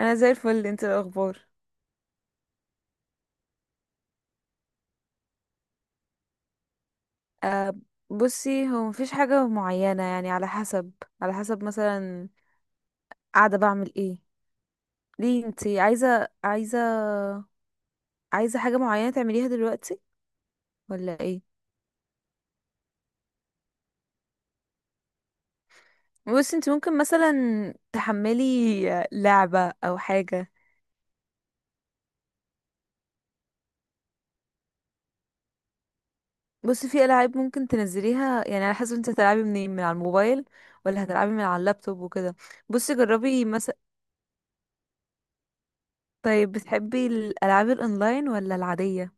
انا زي الفل، انت إيه الاخبار؟ أه بصي هو مفيش حاجه معينه، يعني على حسب. مثلا قاعده بعمل ايه، ليه. انت عايزه حاجه معينه تعمليها دلوقتي ولا ايه؟ بصي انت ممكن مثلا تحملي لعبه او حاجه. بصي في العاب ممكن تنزليها، يعني على حسب انت هتلعبي منين، من على الموبايل ولا هتلعبي من على اللابتوب وكده. بصي جربي مثلا. طيب بتحبي الالعاب الاونلاين ولا العاديه؟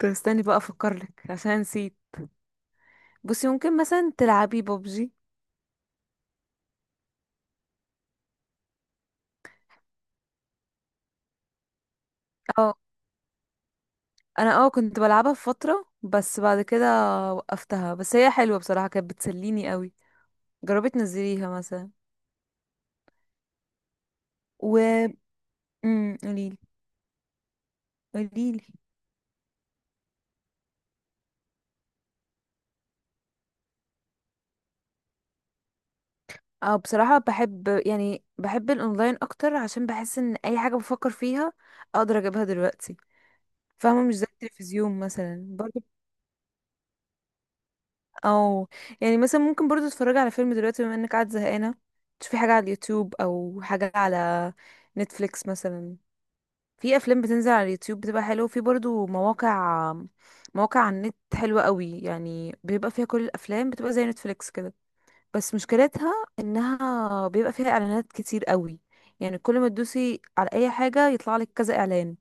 كنت استني بقى افكرلك عشان نسيت. بصي ممكن مثلا تلعبي ببجي. اه، انا اه كنت بلعبها في فترة، بس بعد كده وقفتها. بس هي حلوة بصراحة، كانت بتسليني قوي. جربي تنزليها مثلا. و قوليلي. قوليلي اه بصراحة بحب، يعني بحب الاونلاين اكتر، عشان بحس ان اي حاجة بفكر فيها اقدر اجيبها دلوقتي. فاهمة، مش زي التلفزيون مثلا. او يعني مثلا ممكن برضو تتفرجي على فيلم دلوقتي، بما انك قاعد زهقانه تشوفي حاجه على اليوتيوب او حاجه على نتفليكس مثلا. في افلام بتنزل على اليوتيوب بتبقى حلوه، وفي برضو مواقع، على النت حلوه قوي، يعني بيبقى فيها كل الافلام، بتبقى زي نتفليكس كده. بس مشكلتها انها بيبقى فيها اعلانات كتير قوي، يعني كل ما تدوسي على اي حاجه يطلع لك كذا اعلان.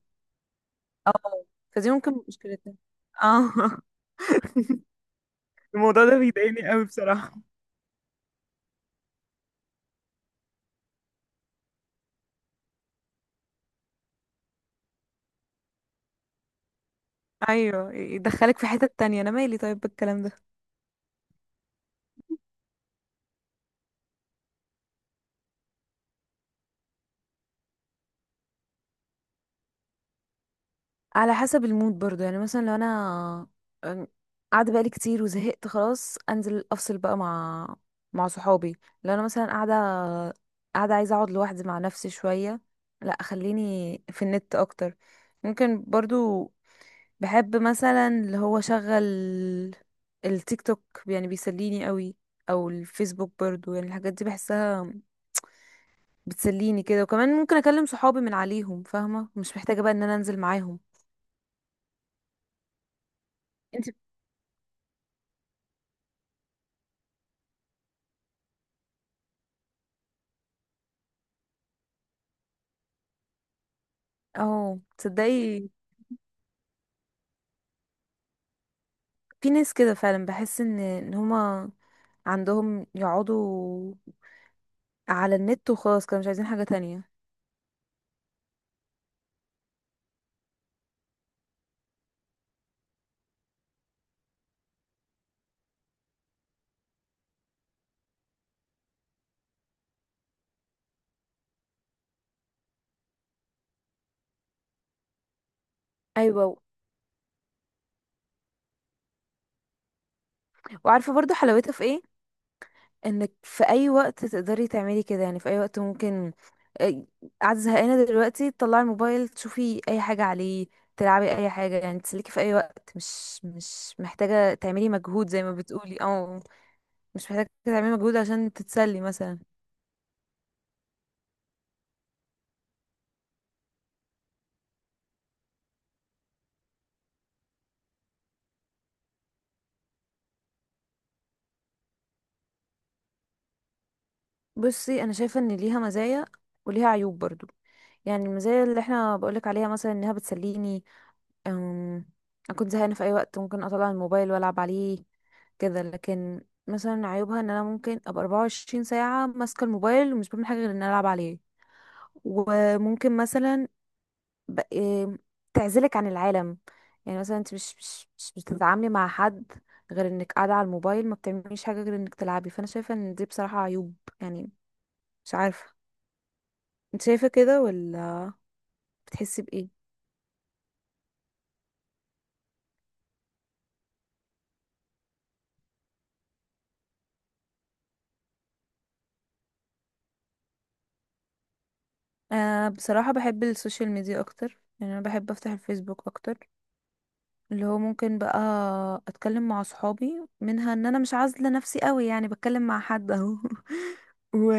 اه، فدي ممكن مشكلتها. اه. الموضوع ده بيضايقني قوي بصراحة. ايوه، يدخلك في حتة تانية، انا مالي طيب بالكلام ده. على حسب المود برضو، يعني مثلا لو انا أم، قاعده بقالي كتير وزهقت خلاص، انزل افصل بقى مع صحابي. لو انا مثلا قاعده عايزه اقعد لوحدي مع نفسي شويه، لا خليني في النت اكتر. ممكن برضو بحب مثلا اللي هو شغل التيك توك، يعني بيسليني قوي، او الفيسبوك برضو، يعني الحاجات دي بحسها بتسليني كده. وكمان ممكن اكلم صحابي من عليهم، فاهمه، مش محتاجه بقى ان انا انزل معاهم. انت اه تصدقي، في ناس كده فعلا، بحس ان هما عندهم يقعدوا على النت وخلاص، كانوا مش عايزين حاجه تانية. ايوه و- وعارفه برضو حلاوتها في ايه، انك في اي وقت تقدري تعملي كده، يعني في اي وقت ممكن إيه، قاعده زهقانه دلوقتي تطلعي الموبايل تشوفي اي حاجه عليه، تلعبي اي حاجه، يعني تسليكي في اي وقت. مش محتاجه تعملي مجهود، زي ما بتقولي اه. مش محتاجة تعملي مجهود عشان تتسلي مثلا. بصي انا شايفة ان ليها مزايا وليها عيوب برضو. يعني المزايا اللي احنا بقولك عليها مثلا انها بتسليني. أم... انا كنت زهقانة في اي وقت ممكن اطلع الموبايل والعب عليه كده. لكن مثلا عيوبها، ان انا ممكن ابقى 24 ساعة ماسكة الموبايل ومش بعمل حاجة غير ان أنا العب عليه. وممكن مثلا ب... إيه، تعزلك عن العالم، يعني مثلا انت مش بتتعاملي مع حد غير انك قاعده على الموبايل، ما بتعمليش حاجه غير انك تلعبي. فانا شايفه ان دي بصراحه عيوب، يعني. مش عارفه، انت شايفه كده ولا؟ بتحسي بايه؟ آه بصراحه بحب السوشيال ميديا اكتر، يعني انا بحب افتح الفيسبوك اكتر. اللي هو ممكن بقى اتكلم مع صحابي منها، ان انا مش عازله نفسي قوي، يعني بتكلم مع حد اهو. و...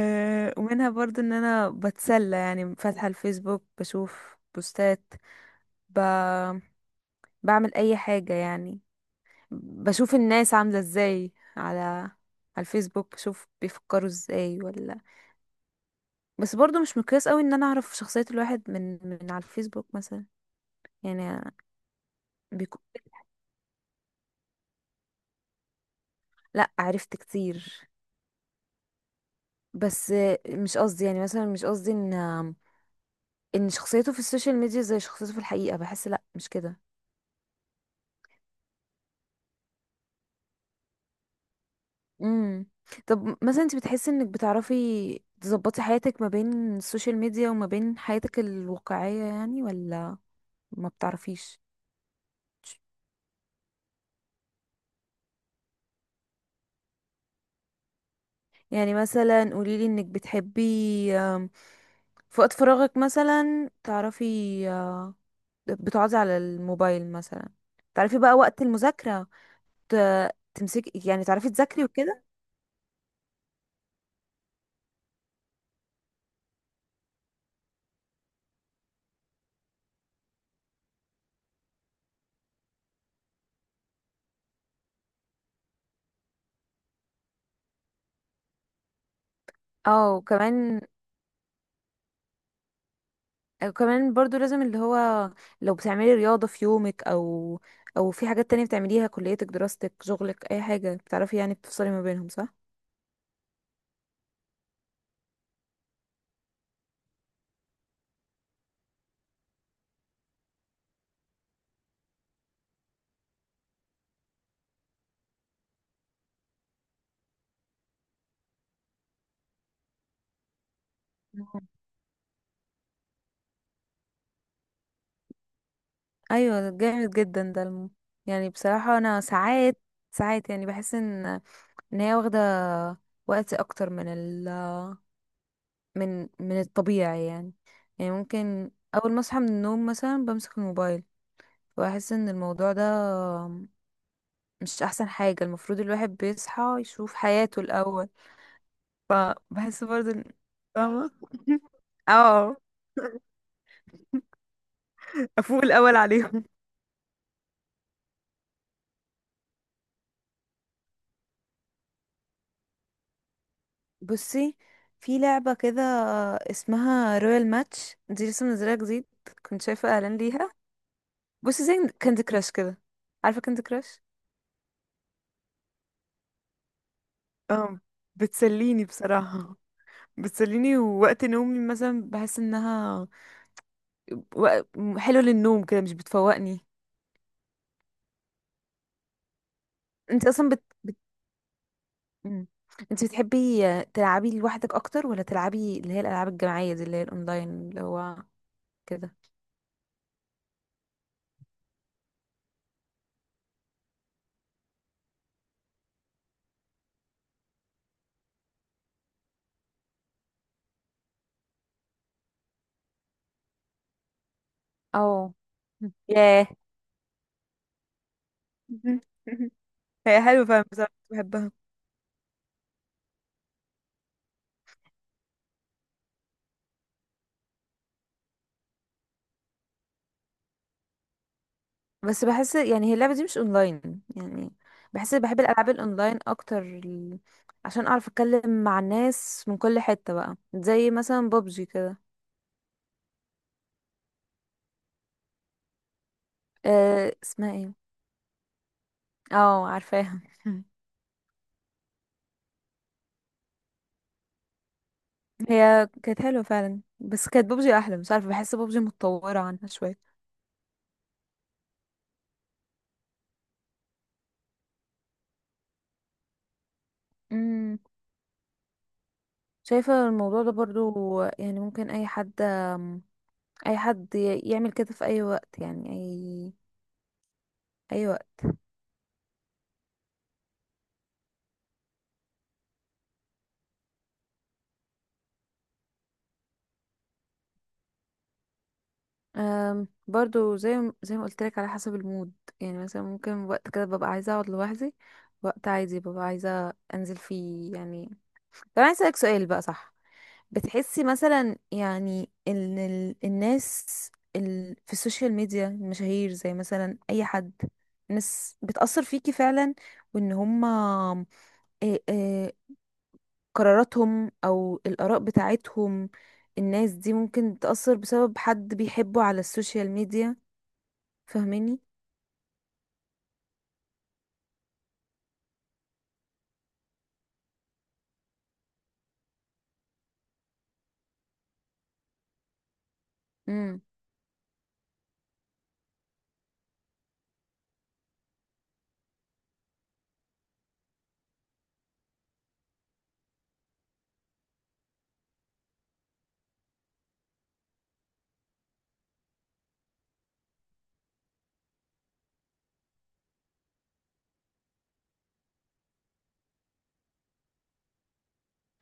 ومنها برضو ان انا بتسلى، يعني فاتحه الفيسبوك بشوف بوستات، ب... بعمل اي حاجة يعني، بشوف الناس عاملة ازاي على الفيسبوك، بشوف بيفكروا ازاي ولا. بس برضو مش مقياس قوي ان انا اعرف شخصية الواحد من على الفيسبوك مثلا، يعني. بيكو... لا عرفت كتير، بس مش قصدي، يعني مثلا مش قصدي ان شخصيته في السوشيال ميديا زي شخصيته في الحقيقة. بحس لا، مش كده. امم. طب مثلا انت بتحسي انك بتعرفي تظبطي حياتك ما بين السوشيال ميديا وما بين حياتك الواقعية، يعني، ولا ما بتعرفيش؟ يعني مثلا قوليلي انك بتحبي آم، في وقت فراغك مثلا تعرفي آه، بتقعدي على الموبايل مثلا، تعرفي بقى وقت المذاكرة تمسكي، يعني تعرفي تذاكري وكده. اه، وكمان برضو لازم اللي هو لو بتعملي رياضة في يومك، او او في حاجات تانية بتعمليها، كليتك، دراستك، شغلك، اي حاجة بتعرفي يعني بتفصلي ما بينهم، صح. ايوه، ده جامد جدا، ده يعني بصراحة انا ساعات يعني بحس ان هي واخدة وقت اكتر من ال... من من الطبيعي، يعني. يعني ممكن اول ما اصحى من النوم مثلا بمسك الموبايل، واحس ان الموضوع ده مش احسن حاجة، المفروض الواحد بيصحى يشوف حياته الاول. فبحس برضه إن- فاهمة. اه، افوق الاول عليهم. بصي في لعبة كده اسمها رويال ماتش، دي لسه منزلها جديد، كنت شايفة اعلان ليها. بصي زي كاندي كراش كده، عارفة كاندي كراش. اه، بتسليني بصراحة. بتسليني ووقت نومي مثلا بحس انها وق- حلوة للنوم كده، مش بتفوقني. انت اصلا بت... بت... مم. انت بتحبي تلعبي لوحدك اكتر، ولا تلعبي اللي هي الالعاب الجماعية دي اللي هي الاونلاين اللي هو كده؟ او ياه. هي حلوة فعلا بصراحة، كنت بحبها. بس بحس يعني هي اللعبة دي مش اونلاين، يعني بحس بحب الالعاب الاونلاين اكتر، عشان اعرف اتكلم مع الناس من كل حتة بقى، زي مثلا بابجي كده. أه اسمها ايه، اه عارفاها. هي كانت حلوة فعلا، بس كانت بابجي احلى، مش عارفة، بحس بابجي متطورة عنها شوية. امم، شايفة الموضوع ده برضو، يعني ممكن اي حد يعمل كده في اي وقت، يعني اي برضو زي ما قلت لك، على حسب المود. يعني مثلا ممكن وقت كده ببقى عايزه اقعد لوحدي، وقت عادي ببقى عايزه انزل فيه، يعني. طب انا اسالك سؤال بقى، صح؟ بتحسي مثلا يعني ان الناس في السوشيال ميديا، المشاهير، زي مثلا اي حد، ناس بتأثر فيكي فعلا، وان هما إيه إيه قراراتهم او الآراء بتاعتهم، الناس دي ممكن تأثر بسبب حد بيحبه على السوشيال ميديا. فاهماني؟ امم،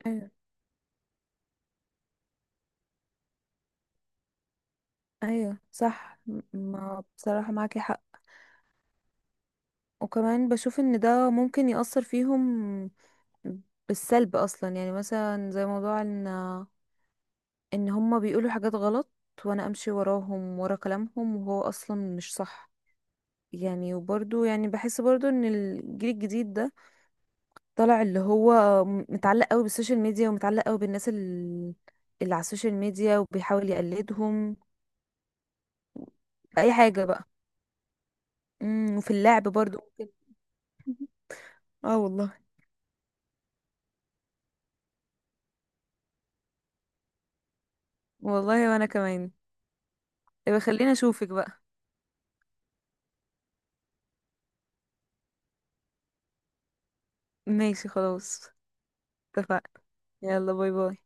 ايوه. ايوه، صح، ما بصراحة معاكي حق. وكمان بشوف ان ده ممكن يأثر فيهم بالسلب اصلا، يعني مثلا زي موضوع ان هما بيقولوا حاجات غلط، وانا امشي وراهم ورا كلامهم وهو اصلا مش صح يعني. وبرضو يعني بحس برضو ان الجيل الجديد ده طالع اللي هو متعلق قوي بالسوشيال ميديا، ومتعلق قوي بالناس اللي على السوشيال ميديا، وبيحاول يقلدهم اي حاجة بقى. امم، وفي اللعب برضو ممكن. اه والله. والله وانا كمان. يبقى خليني اشوفك بقى. ماشي خلاص، اتفقنا، يلا باي باي.